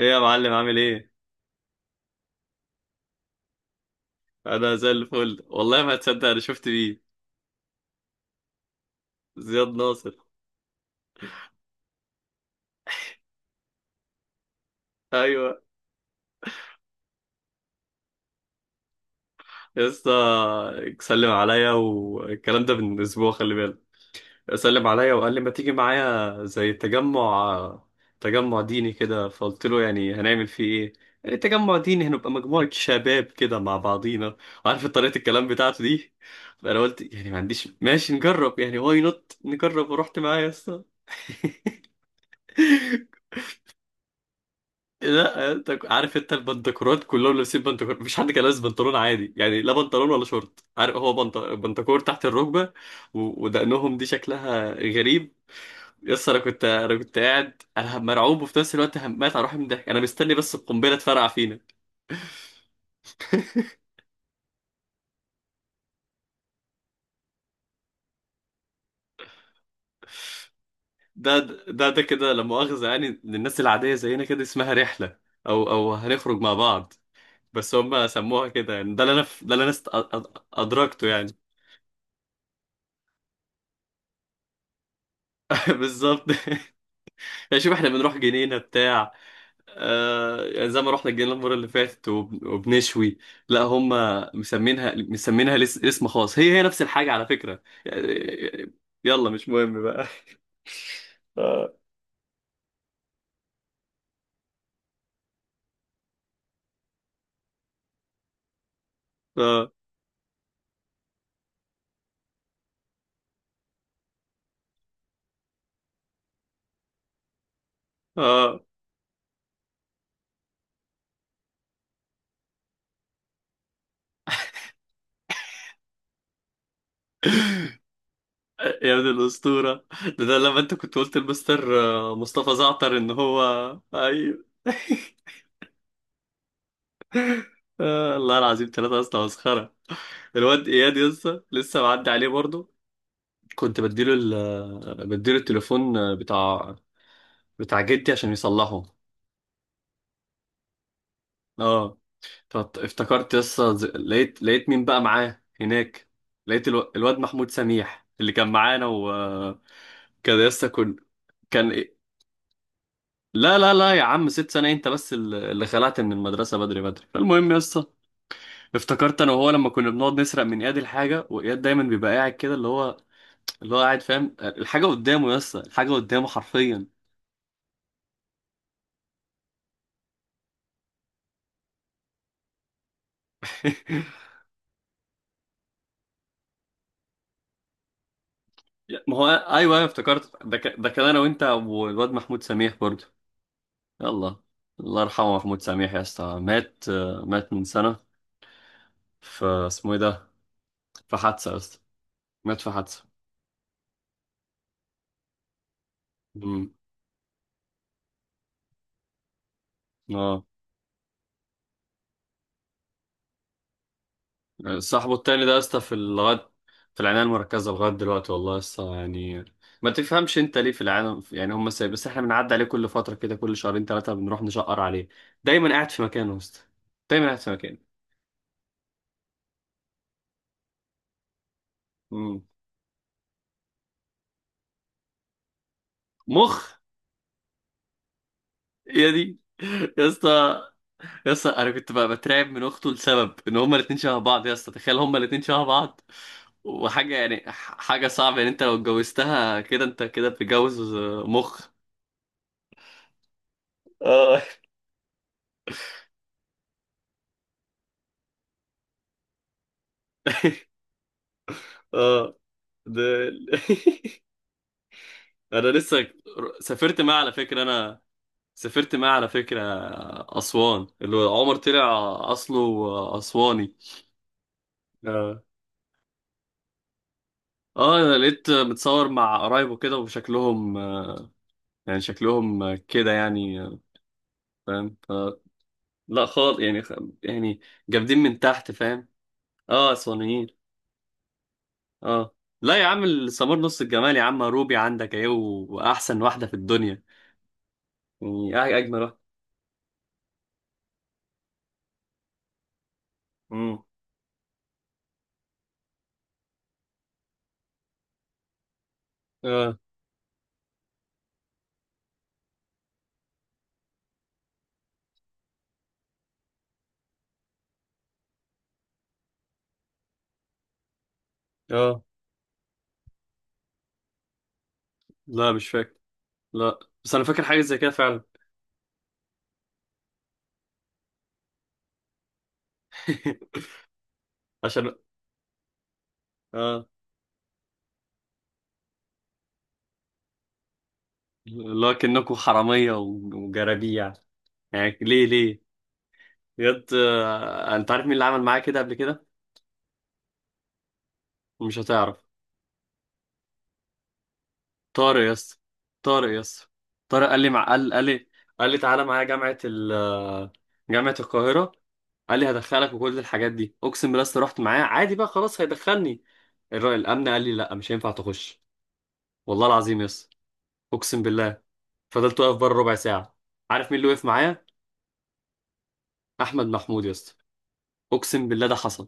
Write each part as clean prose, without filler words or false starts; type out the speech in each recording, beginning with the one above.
ايه يا معلم عامل ايه؟ انا زي الفل، والله ما هتصدق انا شفت مين. زياد ناصر. ايوه. يا اسطى، سلم عليا والكلام ده من اسبوع، خلي بالك. سلم عليا وقال لي ما تيجي معايا زي تجمع، تجمع ديني كده. فقلت له يعني هنعمل فيه ايه؟ يعني تجمع ديني هنبقى مجموعة شباب كده مع بعضينا، عارف طريقة الكلام بتاعته دي. فانا قلت يعني ما عنديش، ماشي نجرب يعني، واي نوت نجرب. ورحت معايا يا اسطى. لا انت، عارف انت البنتكورات كلهم لابسين بنتكور، مفيش حد كان لابس بنطلون عادي يعني، لا بنطلون ولا شورت. عارف، هو بنتكور تحت الركبه. ودقنهم دي شكلها غريب. يس انا كنت، انا كنت قاعد انا مرعوب، وفي نفس الوقت همات على روحي من الضحك. انا مستني بس القنبله تفرقع فينا. ده، ده كده لا مؤاخذه يعني، للناس العاديه زينا كده اسمها رحله، او او هنخرج مع بعض. بس هم سموها كده يعني. ده اللي انا، ده اللي انا ادركته يعني. بالظبط. يعني شوف، احنا بنروح جنينه بتاع، آه، يعني زي ما رحنا الجنينة المرة اللي فاتت وبنشوي. لا، هم مسمينها، مسمينها اسم خاص. هي هي نفس الحاجة على فكرة يعني. يلا، مش مهم بقى. اه. اه. اه. يا ابن الأسطورة، ده لما انت كنت قلت لمستر مصطفى زعتر ان هو. ايوه. آه، الله العظيم ثلاثة أصلا مسخرة. الواد إياد لسه لسه معدي عليه برضه. كنت بديله، ال بديله التليفون بتاع، بتاع جدي عشان يصلحه. اه. افتكرت يسا، لقيت مين بقى معاه هناك. لقيت الواد محمود سميح اللي كان معانا وكان. يسا كان إيه؟ لا لا لا يا عم، 6 سنة انت بس اللي خلعت من المدرسة بدري بدري. فالمهم يسا، افتكرت انا وهو لما كنا بنقعد نسرق من اياد الحاجة، واياد دايما بيبقى قاعد كده، اللي هو، اللي هو قاعد فاهم الحاجة قدامه. يسا الحاجة قدامه حرفيا. ما هو ايوه، ايوه افتكرت. ده كان انا وانت والواد محمود سميح برضه. يلا. الله يرحمه محمود سميح، يا اسطى مات. مات من سنة، فاسمه ايه ده، في حادثة يا اسطى. مات في حادثة. امم اه، صاحبه التاني ده يا اسطى في لغاية، في العناية المركزة لغاية دلوقتي، والله يا اسطى يعني. ما تفهمش انت ليه في العالم يعني هم سايب، بس احنا بنعدي عليه كل فترة كده، كل شهرين 3 بنروح نشقر عليه. دايما قاعد في مكانه يا اسطى، دايما قاعد في مكانه. امم مخ. يا دي، يا اسطى، يا اسطى انا كنت بقى بترعب من اخته لسبب ان هما الاتنين شبه بعض. يا اسطى تخيل، هما الاتنين شبه بعض. وحاجه يعني، حاجه صعبه يعني. انت لو اتجوزتها كده، انت كده بتتجوز مخ. اه. اه. ده. انا لسه سافرت معاه على فكره انا، سافرت معاه على فكره. اسوان اللي هو عمر طلع، اصله اسواني. اه. اه، انا لقيت متصور مع قرايبه كده وشكلهم، يعني شكلهم كده يعني، فاهم. لا خالص يعني يعني جامدين من تحت، فاهم. اه، اسوانيين. اه. لا يا عم، السمار نص الجمال يا عم. روبي عندك اهي، واحسن واحده في الدنيا، يعني اجمل واحده. امم اه. اه، لا مش فاكر. لا بس انا فاكر حاجه زي كده فعلا. عشان اه، اللي هو كأنكوا حراميه وجرابيع يعني، ليه ليه. بجد، انت عارف مين اللي عمل معايا كده قبل كده؟ مش هتعرف. طارق يا اسطى، طارق يا اسطى. طارق قال لي، مع قال قال لي، قال لي تعالى معايا جامعة جامعة القاهرة. قال لي هدخلك وكل الحاجات دي، اقسم بالله يا اسطى. رحت معاه عادي بقى، خلاص هيدخلني. الراجل الامن قال لي لا، مش هينفع تخش. والله العظيم يا اسطى، اقسم بالله. فضلت واقف بره ربع ساعة. عارف مين اللي وقف معايا؟ احمد محمود يا اسطى، اقسم بالله ده حصل.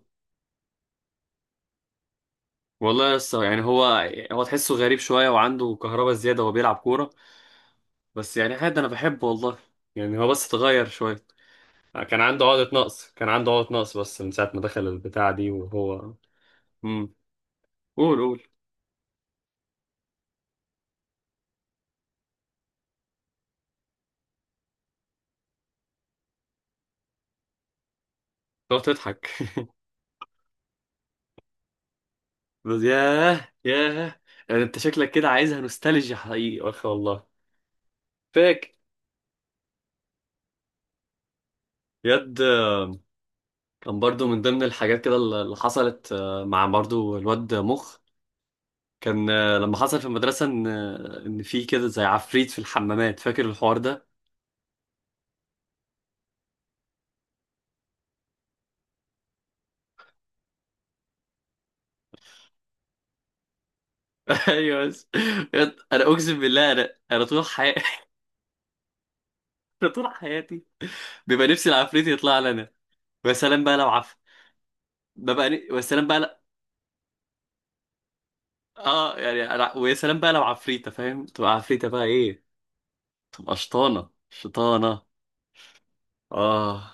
والله يا اسطى يعني، هو تحسه غريب شوية، وعنده كهربا زيادة وبيلعب كورة، بس يعني عادي انا بحبه والله. يعني هو بس اتغير شوية. كان عنده عقدة نقص، كان عنده عقدة نقص، بس من ساعة ما دخل البتاع دي وهو. امم قول قول. لو تضحك. بس ياه ياه، يعني انت شكلك كده عايزها نوستالجيا حقيقي اخي والله. فاك يد كان برضو من ضمن الحاجات كده اللي حصلت، مع برضو الواد مخ. كان، لما حصل في المدرسة ان، ان في كده زي عفريت في الحمامات. فاكر الحوار ده؟ ايوه بس، انا اقسم بالله، انا طول حياتي، انا طول حياتي بيبقى نفسي العفريت يطلع لنا. يا سلام بقى لو. ويا سلام بقى لا. اه يعني، ويا سلام بقى لو عفريتة، فاهم، تبقى عفريتة بقى ايه، تبقى شطانة، شطانة. اه.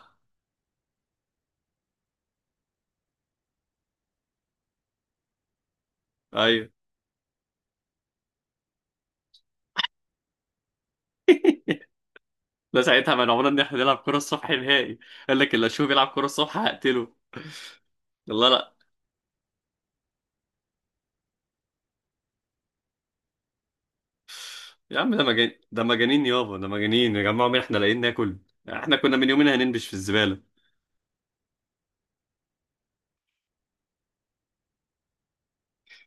ايوع. لا ساعتها منعونا ان احنا نلعب كرة الصبح نهائي. قال لك اللي اشوفه بيلعب كرة الصبح هقتله. الله لا. يا عم ده مجانين، ده مجانين يابا، ده مجانين يا جماعة. مين احنا لاقيين ناكل، احنا كنا من يومين هننبش في الزبالة.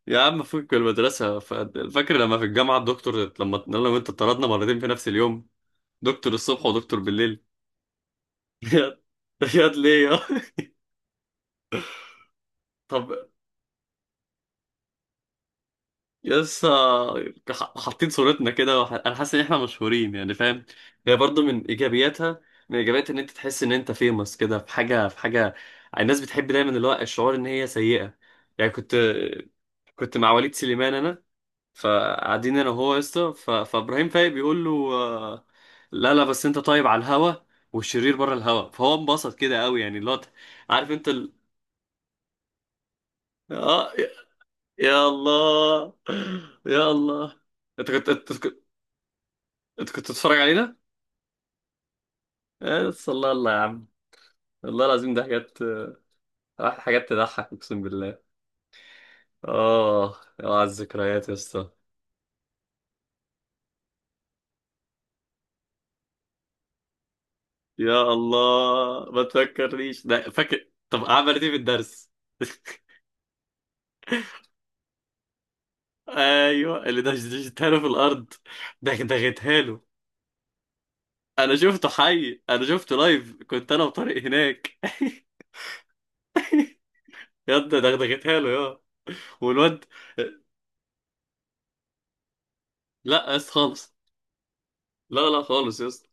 يا عم فك المدرسة فاكر لما في الجامعة الدكتور، لما انا وانت اتطردنا مرتين في نفس اليوم، دكتور الصبح ودكتور بالليل. ياد، ياد ليه يا. طب، يس، حاطين صورتنا كده انا حاسس ان احنا مشهورين يعني، فاهم. هي برضو من ايجابياتها، من ايجابيات ان انت تحس ان انت فيمس كده، في حاجه في حاجه. الناس بتحب دايما اللي هو الشعور ان هي سيئه يعني. كنت مع وليد سليمان انا. فقاعدين انا وهو يا اسطى، فابراهيم فايق بيقول له، لا لا، بس انت طيب على الهوا والشرير بره الهوا. فهو انبسط كده قوي يعني، اللي هو، عارف انت اه، يا الله. يا الله، انت كنت، انت كنت بتتفرج علينا؟ بس الله، الله يا عم. والله العظيم ده حاجات، حاجات تضحك، اقسم بالله. اه يا على الذكريات يا اسطى. يا الله ما تفكرنيش. ده فاكر، طب عملت ايه في الدرس؟ ايوه اللي دشدشتها له في الارض، ده دغيتها له. انا شفته حي، انا شفته لايف، كنت انا وطارق هناك. يا ده دغدغتها له يا، والواد. لا يا اسطى خالص، لا لا خالص يا اسطى.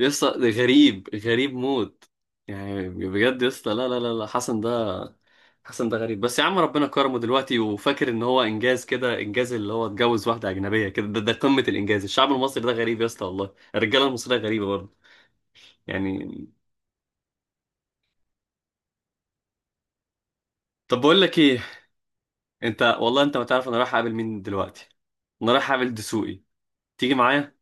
يسطا ده غريب، غريب موت. يعني بجد يسطا، لا لا لا لا، حسن ده، حسن ده غريب، بس يا عم ربنا كرمه دلوقتي. وفاكر ان هو انجاز كده، انجاز اللي هو اتجوز واحده اجنبيه كده. ده قمه الانجاز الشعب المصري. ده غريب يسطا، والله الرجاله المصريه غريبه برضه. يعني، طب بقول لك ايه، انت والله انت ما تعرف انا رايح اقابل مين دلوقتي. انا رايح اقابل دسوقي. تيجي معايا.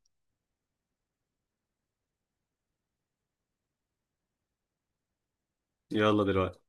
يلا دلوقتي.